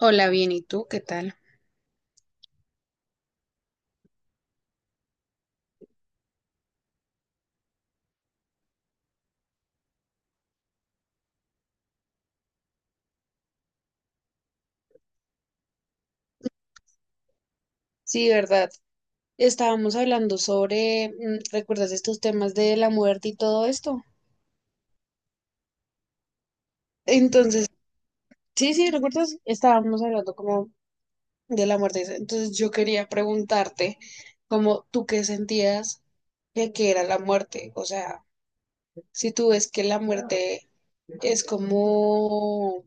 Hola, bien, ¿y tú qué tal? Sí, ¿verdad? Estábamos hablando sobre, ¿recuerdas estos temas de la muerte y todo esto? Entonces, sí, sí, ¿recuerdas? Estábamos hablando como de la muerte. Entonces yo quería preguntarte, como tú qué sentías de que era la muerte, o sea, si tú ves que la muerte es como, o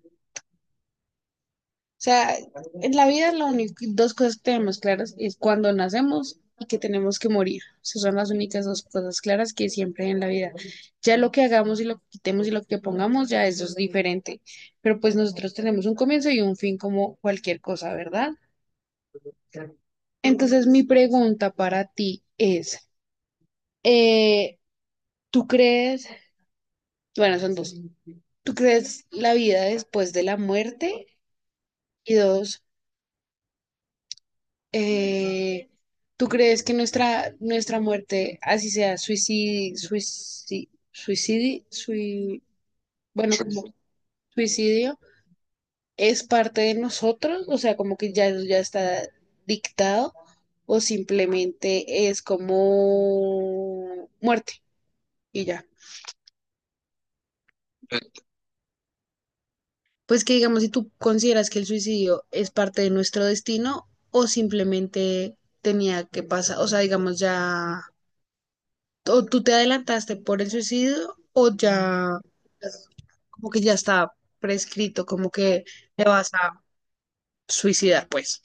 sea, en la vida las único, dos cosas que tenemos claras es cuando nacemos y que tenemos que morir. Esas son las únicas dos cosas claras que siempre hay en la vida. Ya lo que hagamos y lo que quitemos y lo que pongamos, ya eso es diferente. Pero pues nosotros tenemos un comienzo y un fin como cualquier cosa, ¿verdad? Entonces mi pregunta para ti es, eh, ¿tú crees, bueno, son dos? ¿Tú crees la vida después de la muerte? Y dos, Eh, ¿tú crees que nuestra muerte, así sea, suicidio, suicidio, suicidio, bueno, como suicidio, es parte de nosotros? O sea, como que ya, ya está dictado o simplemente es como muerte y ya. Pues que digamos, si tú consideras que el suicidio es parte de nuestro destino o simplemente tenía que pasar, o sea, digamos, ya o tú te adelantaste por el suicidio o ya pues, como que ya está prescrito, como que te vas a suicidar, pues.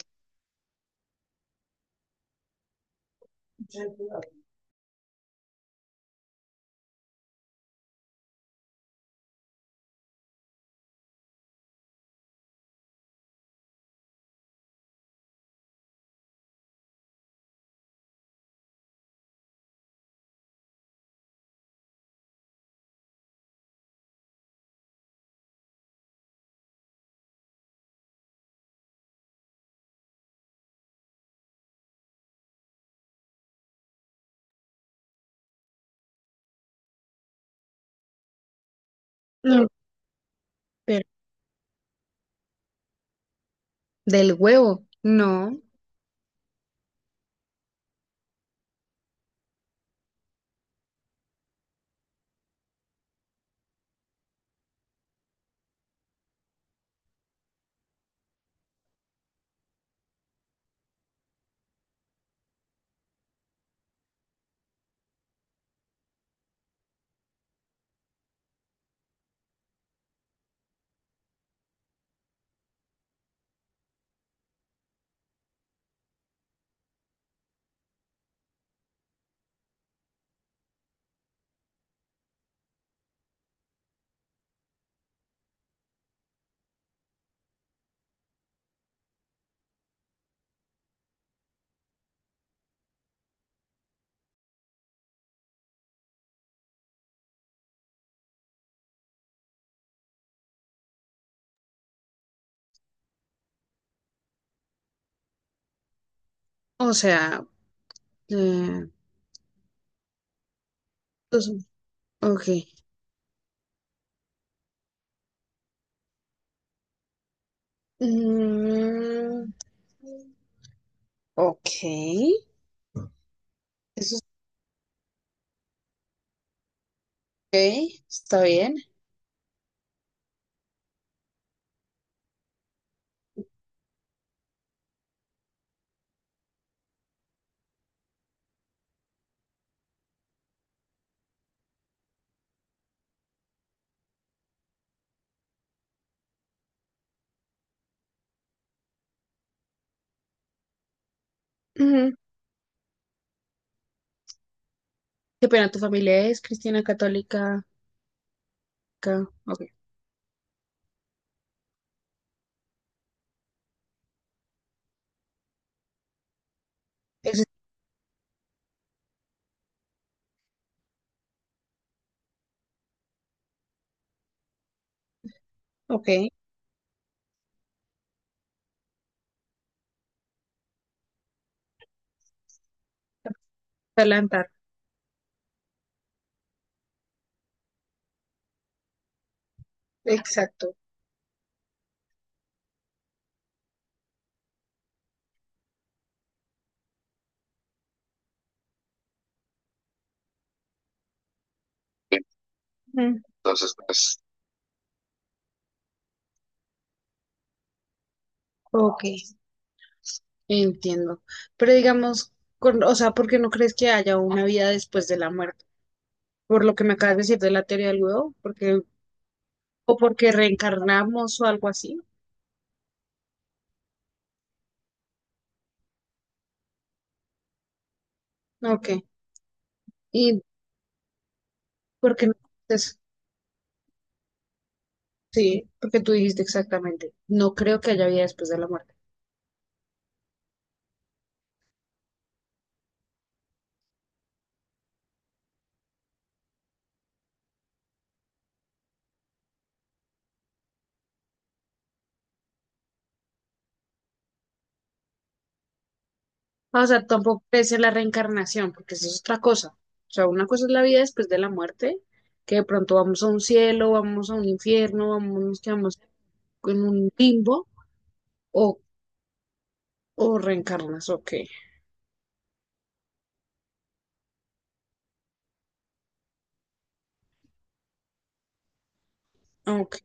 Mm, pero del huevo, no. O sea, eh, pues, ok. Mm, ok. Eso es ok, está bien. Ujú. Qué pena, tu familia es cristiana católica. Ok. Eso es- ok. Adelantar. Exacto. Ujú. Ok. Entiendo. Pero digamos, o sea, ¿por qué no crees que haya una vida después de la muerte? Por lo que me acabas de decir de la teoría del huevo, porque, o porque reencarnamos o algo así. Ok. ¿Y por qué no? Entonces, sí, porque tú dijiste exactamente. No creo que haya vida después de la muerte. O sea, tampoco crees en la reencarnación, porque eso es otra cosa. O sea, una cosa es la vida después de la muerte, que de pronto vamos a un cielo, vamos a un infierno, vamos, nos quedamos en un limbo, o, o reencarnas, ok. Ok,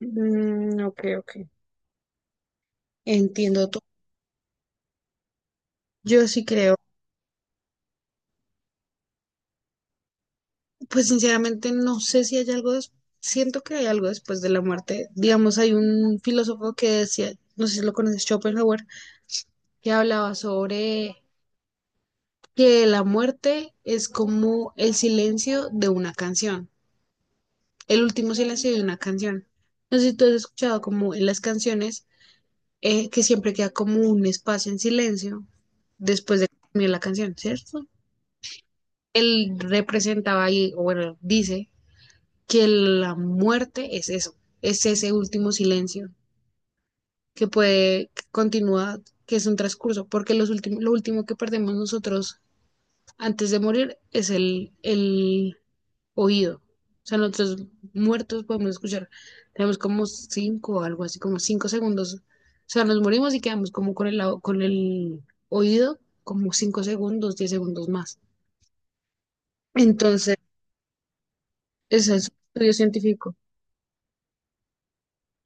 mm, ok, ok. Entiendo todo. Yo sí creo, pues sinceramente no sé si hay algo, siento que hay algo después de la muerte. Digamos, hay un filósofo que decía, no sé si lo conoces, Schopenhauer, que hablaba sobre que la muerte es como el silencio de una canción, el último silencio de una canción. No sé si tú has escuchado como en las canciones que siempre queda como un espacio en silencio después de que termina la canción, ¿cierto? Él representaba ahí, o bueno, dice que la muerte es eso, es ese último silencio que puede continuar, que es un transcurso, porque los últimos, lo último que perdemos nosotros antes de morir es el oído. O sea, nosotros muertos podemos escuchar, tenemos como cinco o algo así, como 5 segundos. O sea, nos morimos y quedamos como con el oído como 5 segundos, 10 segundos más. Entonces, ese es un estudio científico,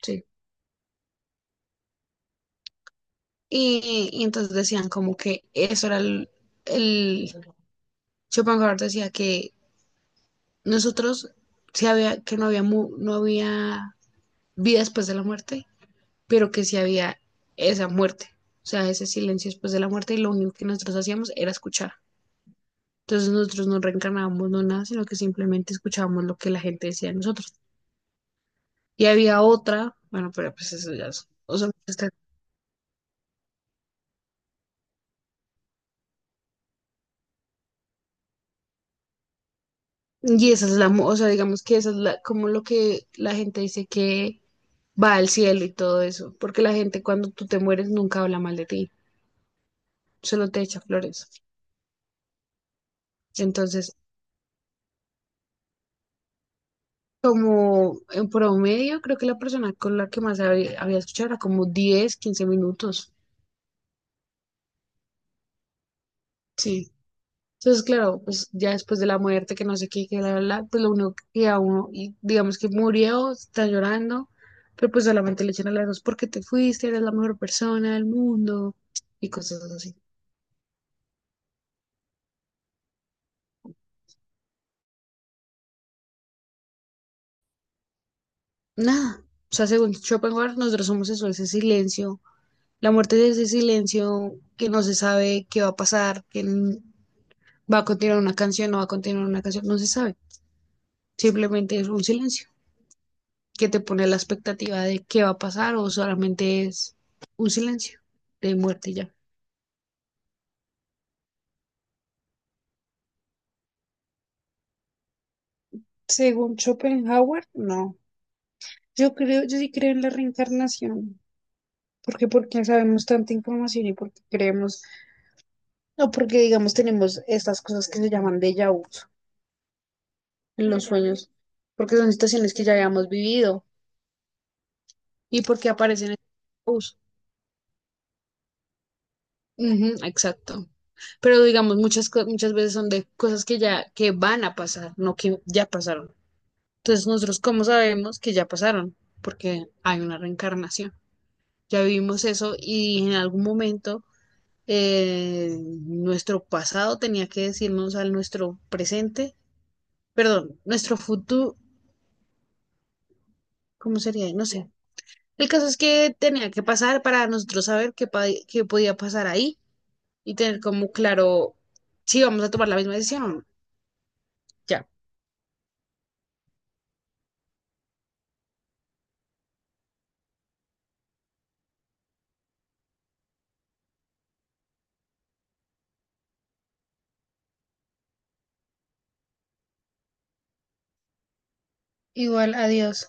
sí. Y entonces decían como que eso era el Schopenhauer decía que nosotros sí había, que no había vida después de la muerte, pero que sí había esa muerte, o sea, ese silencio después de la muerte, y lo único que nosotros hacíamos era escuchar. Entonces nosotros no reencarnábamos, no nada, sino que simplemente escuchábamos lo que la gente decía de nosotros. Y había otra, bueno, pero pues eso ya es, o sea, y esa es o sea, digamos que esa es la, como lo que la gente dice que va al cielo y todo eso, porque la gente cuando tú te mueres nunca habla mal de ti, solo te echa flores. Entonces, como en promedio, creo que la persona con la que más había escuchado era como 10-15 minutos. Sí. Entonces, claro, pues ya después de la muerte, que no sé qué, que pues lo único que a uno, y digamos que murió, está llorando, pero pues solamente le echan a las dos porque te fuiste, eres la mejor persona del mundo y cosas así. Nada. O sea, según Schopenhauer, nosotros somos eso, ese silencio. La muerte es ese silencio que no se sabe qué va a pasar, que va a continuar una canción, no va a continuar una canción, no se sabe. Simplemente es un silencio que te pone la expectativa de qué va a pasar o solamente es un silencio de muerte y ya. Según Schopenhauer, no. Yo creo, yo sí creo en la reencarnación. Porque sabemos tanta información y porque creemos, no porque digamos tenemos estas cosas que se llaman déjà vu en los sueños, porque son situaciones que ya habíamos vivido y porque aparecen en uso. Ujú, exacto. Pero digamos, muchas veces son de cosas que ya que van a pasar, no que ya pasaron. Entonces, nosotros, ¿cómo sabemos que ya pasaron? Porque hay una reencarnación. Ya vivimos eso y en algún momento eh, nuestro pasado tenía que decirnos al nuestro presente, perdón, nuestro futuro, ¿cómo sería? No sé. El caso es que tenía que pasar para nosotros saber qué podía pasar ahí y tener como claro si vamos a tomar la misma decisión o no. Ya. Igual, adiós.